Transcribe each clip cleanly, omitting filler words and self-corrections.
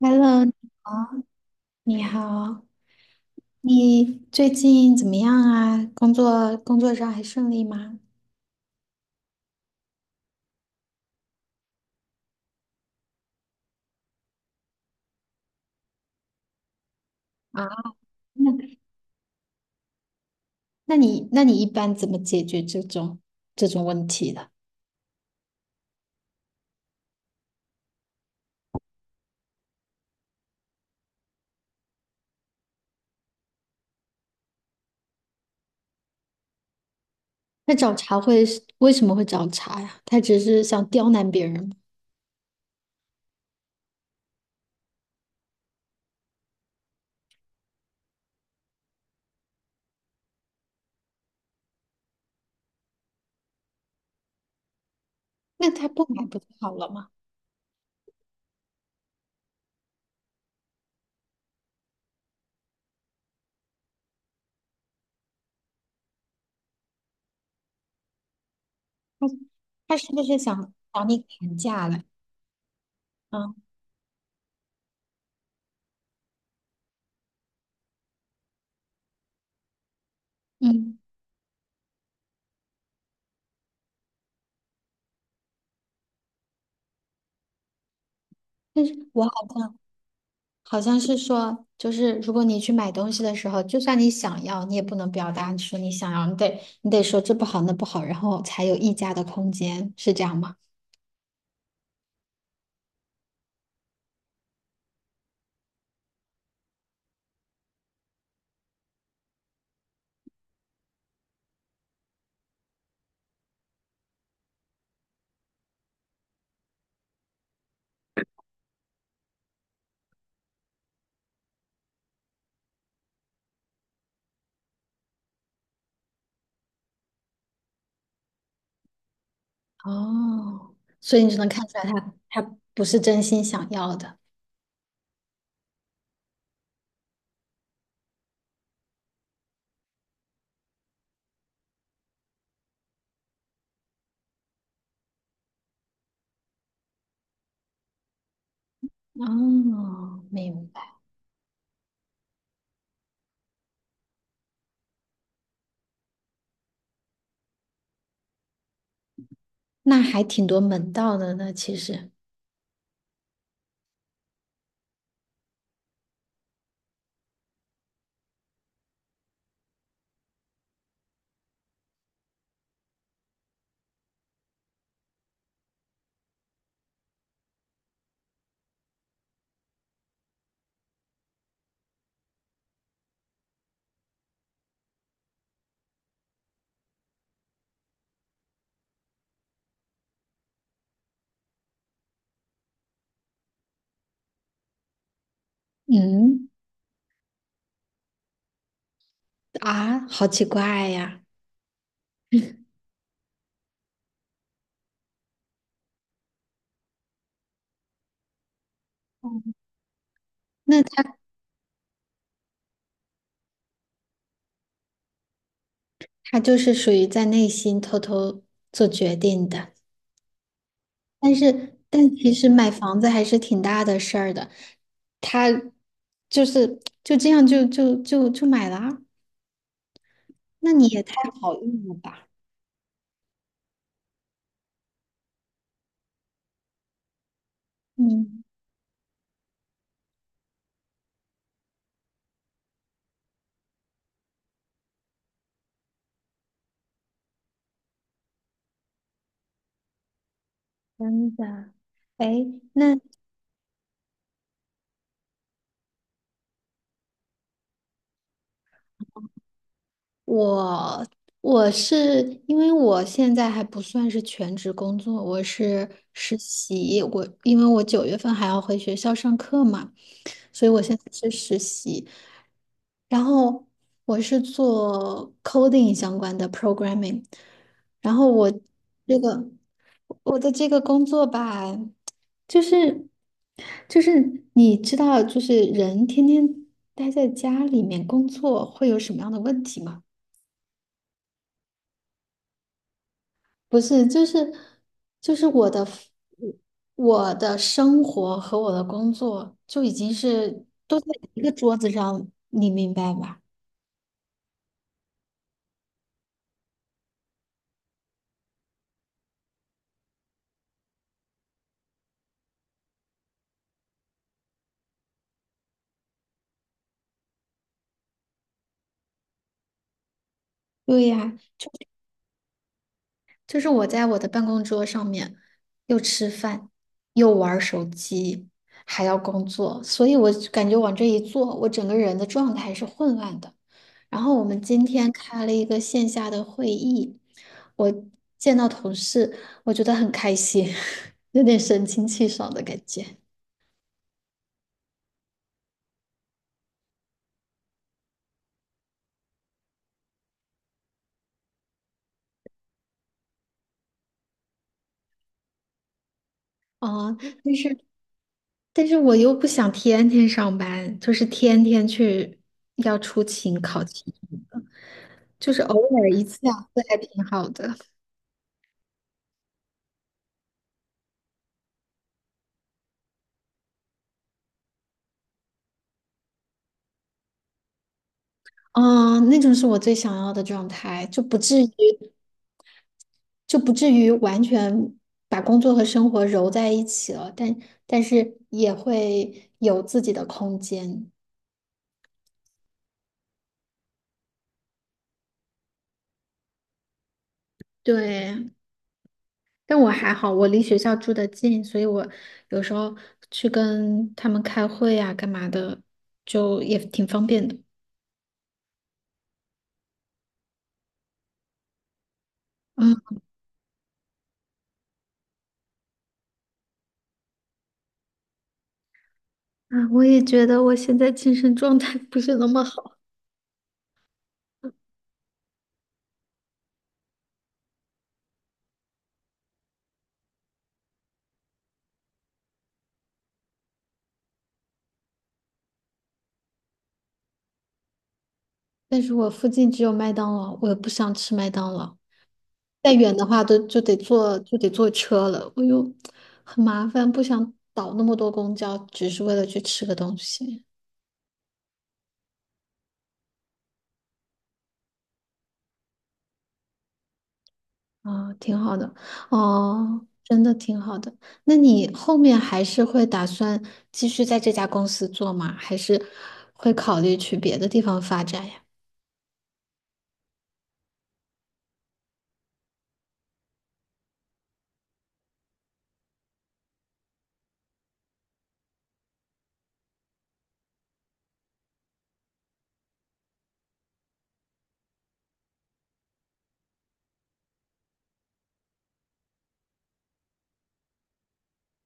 Hello，你好，你好你最近怎么样啊？工作上还顺利吗？啊，那那你一般怎么解决这种问题的？那找茬会是为什么会找茬呀？他只是想刁难别人吗？那他不买不就好了吗？他他是不是想找你砍价了？啊，嗯，但是我好像是说，就是如果你去买东西的时候，就算你想要，你也不能表达说你想要，你得说这不好那不好，然后才有议价的空间，是这样吗？哦，所以你就能看出来他不是真心想要的。哦，明白。那还挺多门道的呢，其实。嗯啊，好奇怪呀。那他就是属于在内心偷偷做决定的。但是，但其实买房子还是挺大的事儿的，他就是就这样就买了啊，那你也太好运了吧？嗯，真的。哎，那我我是因为我现在还不算是全职工作，我是实习，我因为我九月份还要回学校上课嘛。所以我现在是实习，然后我是做 coding 相关的 programming,然后我这个我的这个工作吧，就是就是你知道，就是人天天待在家里面工作会有什么样的问题吗？不是就是我的生活和我的工作就已经是都在一个桌子上，你明白吧？对呀，就是我在我的办公桌上面又吃饭，又玩手机，还要工作，所以我就感觉往这一坐，我整个人的状态是混乱的。然后我们今天开了一个线下的会议，我见到同事，我觉得很开心，有点神清气爽的感觉。哦，但是但是我又不想天天上班，就是天天去要出勤考勤。就是偶尔一次两次还挺好的。嗯，那种是我最想要的状态，就不至于完全把工作和生活揉在一起了，但是也会有自己的空间。对，但我还好，我离学校住的近，所以我有时候去跟他们开会呀、干嘛的，就也挺方便的。嗯啊，我也觉得我现在精神状态不是那么好。但是我附近只有麦当劳，我又不想吃麦当劳。再远的话都就得坐车了，我又很麻烦，不想倒那么多公交，只是为了去吃个东西。啊，挺好的，哦，真的挺好的。那你后面还是会打算继续在这家公司做吗？还是会考虑去别的地方发展呀？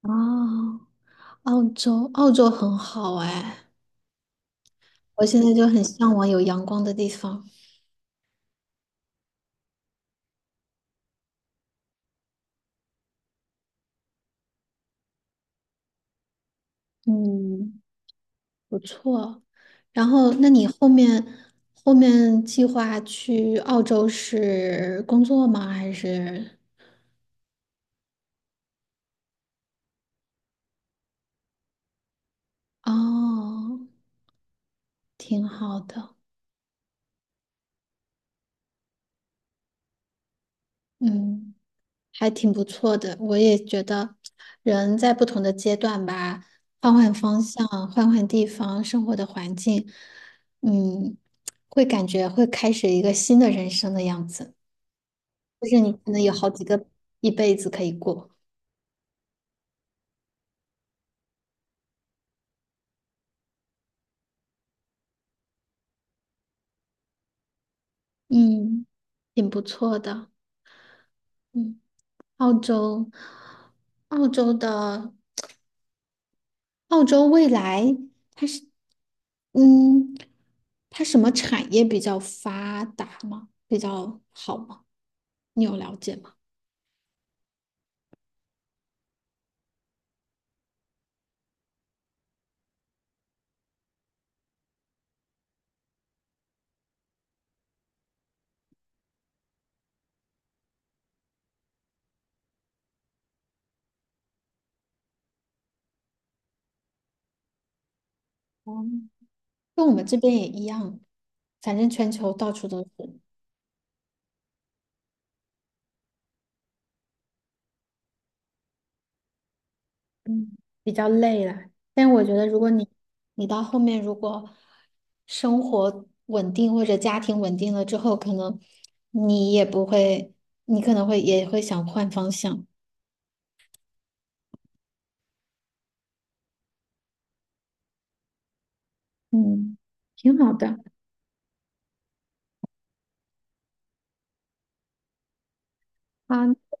哦，澳洲，澳洲很好哎，我现在就很向往有阳光的地方。嗯。不错。然后，那你后面计划去澳洲是工作吗？还是？哦，挺好的，嗯，还挺不错的。我也觉得，人在不同的阶段吧，换换方向，换换地方，生活的环境，嗯，会感觉会开始一个新的人生的样子。就是你可能有好几个一辈子可以过，嗯，挺不错的，嗯。澳洲，澳洲的澳洲未来，嗯，它什么产业比较发达吗？比较好吗？你有了解吗？嗯，跟我们这边也一样，反正全球到处都是，嗯，比较累了。但我觉得，如果你到后面如果生活稳定或者家庭稳定了之后，可能你也不会，你可能会也会想换方向，嗯，挺好的。好，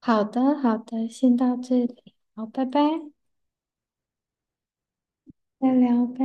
好的，好的，先到这里，好，拜拜，再聊，拜。